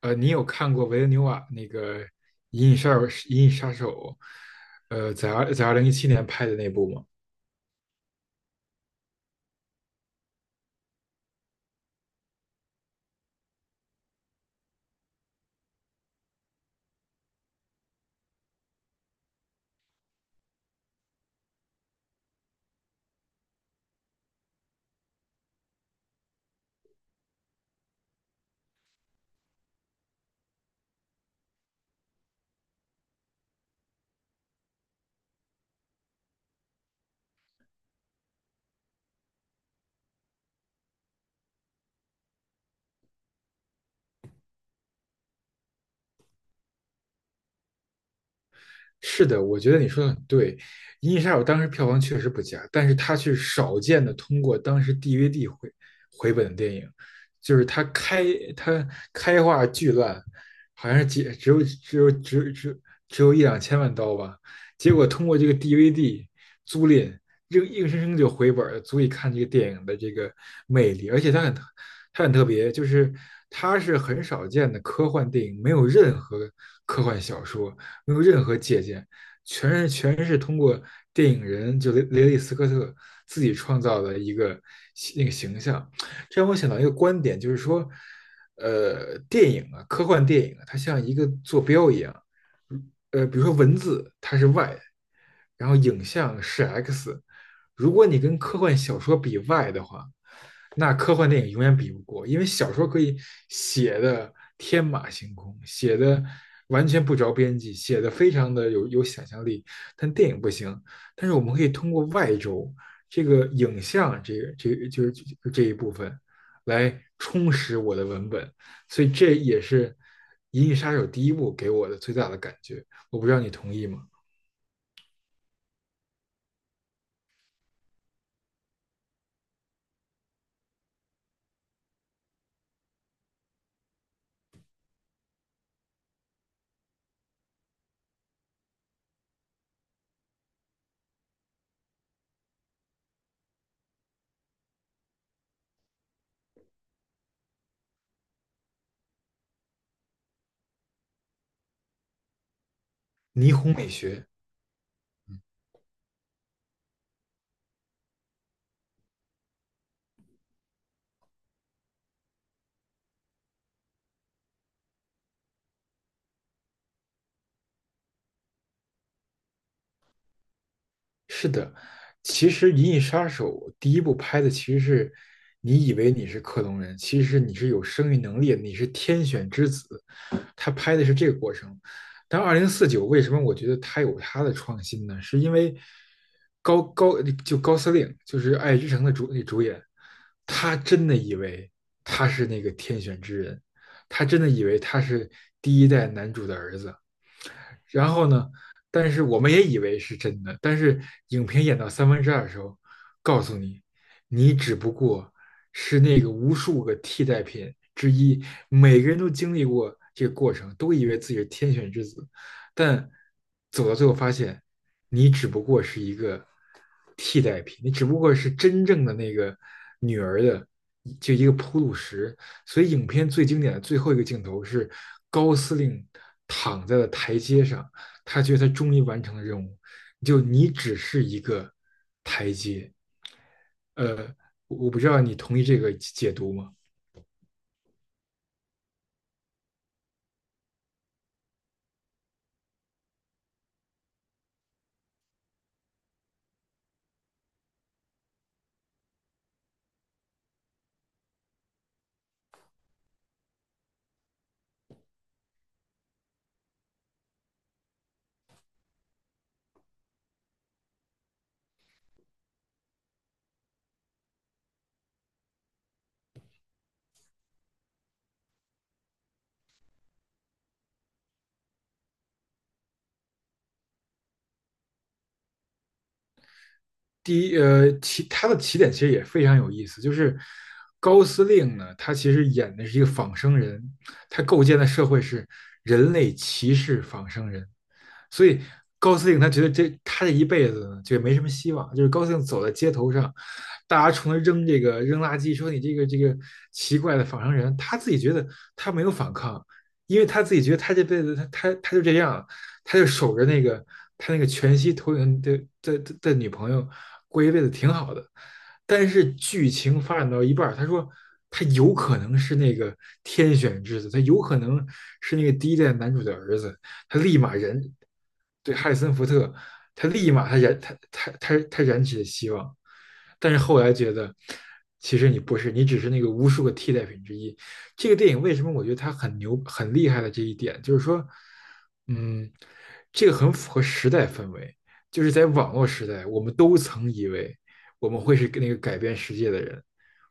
你有看过维伦纽瓦那个《银翼杀手》在2017年拍的那部吗？是的，我觉得你说的很对，《银翼杀手》当时票房确实不佳，但是它却少见的通过当时 DVD 回本的电影，就是它开画巨烂，好像是几只有只有只有只有只有一两千万刀吧，结果通过这个 DVD 租赁，硬生生就回本了，足以看这个电影的这个魅力，而且它很特别，就是它是很少见的科幻电影，没有任何科幻小说。没有任何借鉴，全是通过电影人就雷利斯科特自己创造的一个那个形象。这让我想到一个观点，就是说，电影啊，科幻电影啊，它像一个坐标一样，比如说文字它是 y，然后影像是 x。如果你跟科幻小说比 y 的话，那科幻电影永远比不过，因为小说可以写的天马行空，写的完全不着边际，写的非常的有想象力，但电影不行。但是我们可以通过外周这个影像，这个就是这一部分来充实我的文本，所以这也是《银翼杀手》第一部给我的最大的感觉。我不知道你同意吗？霓虹美学。是的，其实《银翼杀手》第一部拍的其实是你以为你是克隆人，其实你是有生育能力的，你是天选之子。他拍的是这个过程。但2049为什么我觉得他有他的创新呢？是因为高司令，就是《爱之城》的主演，他真的以为他是那个天选之人，他真的以为他是第一代男主的儿子，然后呢，但是我们也以为是真的，但是影片演到三分之二的时候，告诉你，你只不过是那个无数个替代品之一，每个人都经历过这个过程，都以为自己是天选之子，但走到最后发现，你只不过是一个替代品，你只不过是真正的那个女儿的就一个铺路石。所以，影片最经典的最后一个镜头是高司令躺在了台阶上，他觉得他终于完成了任务。就你只是一个台阶，呃，我不知道你同意这个解读吗？第一，他的起点其实也非常有意思，就是高司令呢，他其实演的是一个仿生人，他构建的社会是人类歧视仿生人，所以高司令他觉得这一辈子就没什么希望，就是高司令走在街头上，大家冲他扔这个扔垃圾，说你这个奇怪的仿生人，他自己觉得他没有反抗，因为他自己觉得他这辈子他就这样，他就守着那个他那个全息投影的女朋友过一辈子挺好的，但是剧情发展到一半他说。他有可能是那个天选之子，他有可能是那个第一代男主的儿子。他立马燃对哈里森福特。他立马他燃他他他他燃起了希望，但是后来觉得其实你不是，你只是那个无数个替代品之一。这个电影为什么我觉得它很牛很厉害的这一点，就是说，嗯，这个很符合时代氛围，就是在网络时代，我们都曾以为我们会是那个改变世界的人。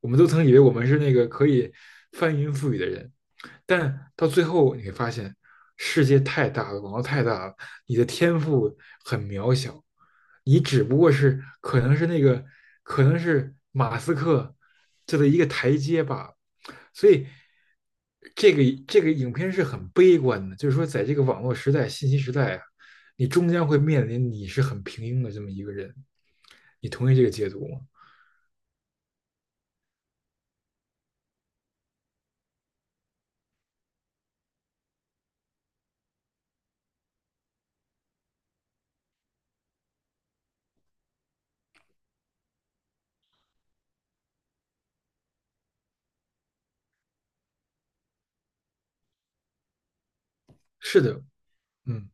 我们都曾以为我们是那个可以翻云覆雨的人，但是到最后你会发现，世界太大了，网络太大了，你的天赋很渺小，你只不过是可能是马斯克这的一个台阶吧。所以这个影片是很悲观的，就是说在这个网络时代、信息时代啊，你终将会面临你是很平庸的这么一个人。你同意这个解读吗？是的。嗯。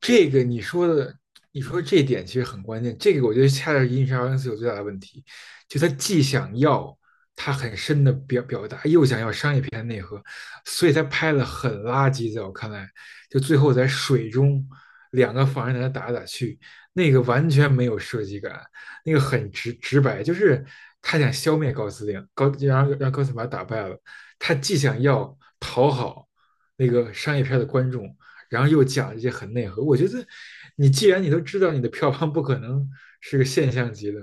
这个你说的，你说这点其实很关键。这个我觉得恰恰是《银翼杀恩斯》有最大的问题，就他既想要他很深的表达，又想要商业片内核，所以他拍的很垃圾。在我看来，就最后在水中两个仿生人在那打来打去，那个完全没有设计感，那个很直白，就是他想消灭高司令，然后让高司令把他打败了，他既想要讨好那个商业片的观众。然后又讲一些很内核。我觉得，你既然你都知道你的票房不可能是个现象级的，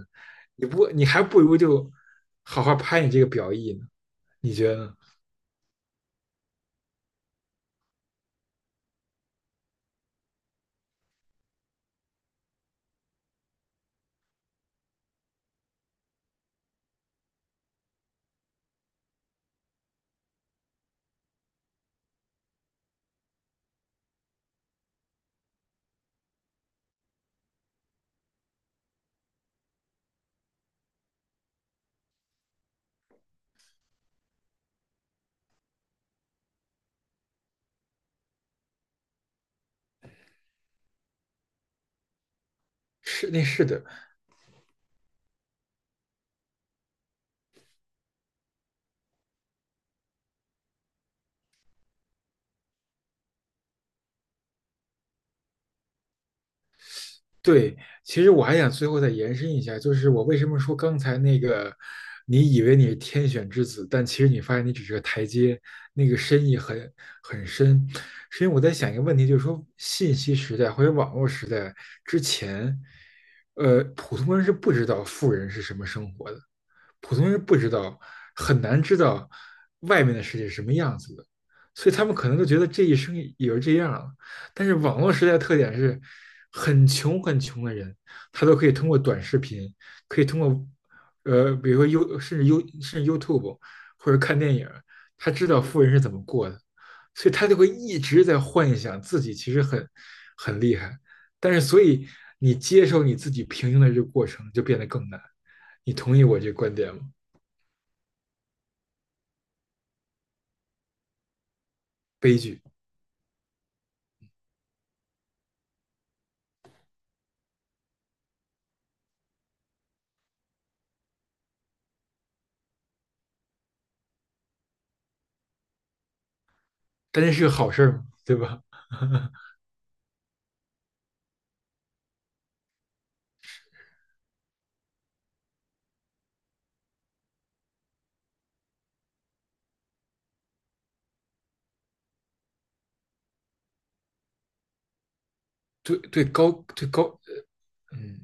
你还不如就好好拍你这个表意呢？你觉得呢？是的，对，其实我还想最后再延伸一下，就是我为什么说刚才那个，你以为你是天选之子，但其实你发现你只是个台阶，那个深意很深，是因为我在想一个问题，就是说信息时代或者网络时代之前，普通人是不知道富人是什么生活的，普通人不知道，很难知道外面的世界是什么样子的，所以他们可能就觉得这一生也就这样了。但是网络时代的特点是，很穷很穷的人，他都可以通过短视频，可以通过，比如说 y u 甚至 y u 甚至 YouTube 或者看电影，他知道富人是怎么过的，所以他就会一直在幻想自己其实很厉害，但是所以你接受你自己平庸的这个过程就变得更难。你同意我这个观点吗？悲剧。但这是个好事儿吗？对吧？对对高对高，嗯。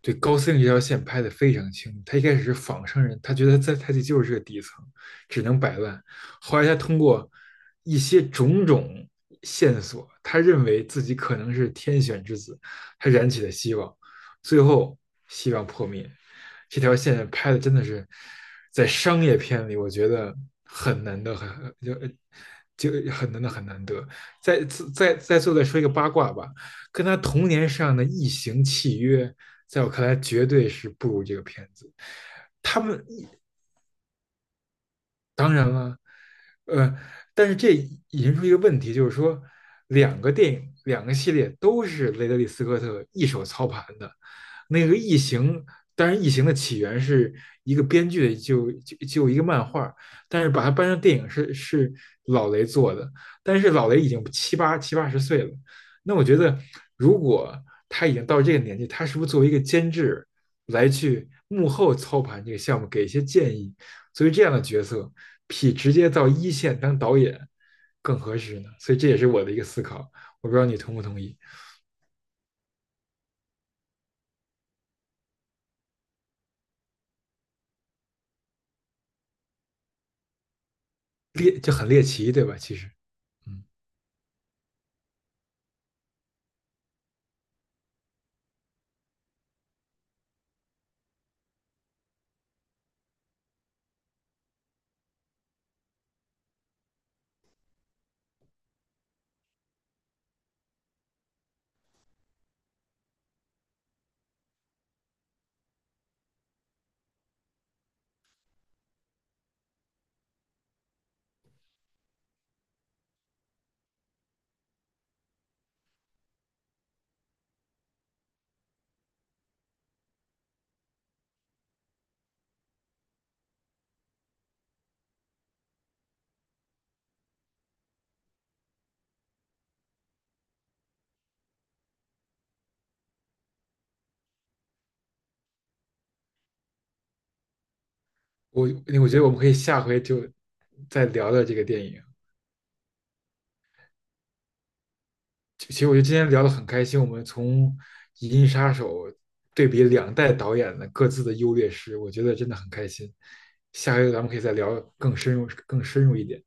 对高司令这条线拍得非常清楚。他一开始是仿生人，他觉得在他自己就是这个底层，只能摆烂。后来他通过一些种种线索，他认为自己可能是天选之子，他燃起了希望，最后希望破灭。这条线拍的真的是在商业片里，我觉得很难得，很就就很难得，很难得。再再再最后再说一个八卦吧，跟他同年上的《异形契约》，在我看来绝对是不如这个片子。他们当然。呃，但是这引申出一个问题，就是说，两个电影、两个系列都是雷德利·斯科特一手操盘的。那个《异形》，当然，《异形》的起源是一个编剧的就就就一个漫画，但是把它搬成电影是老雷做的。但是老雷已经七八十岁了，那我觉得，如果他已经到这个年纪，他是不是作为一个监制来去幕后操盘这个项目，给一些建议？作为这样的角色，比直接到一线当导演更合适呢？所以这也是我的一个思考，我不知道你同不同意。很猎奇，对吧？其实，嗯，我我觉得我们可以下回就再聊聊这个电影。其实我觉得今天聊的很开心，我们从《银翼杀手》对比两代导演的各自的优劣势，我觉得真的很开心。下回咱们可以再聊更深入、更深入一点。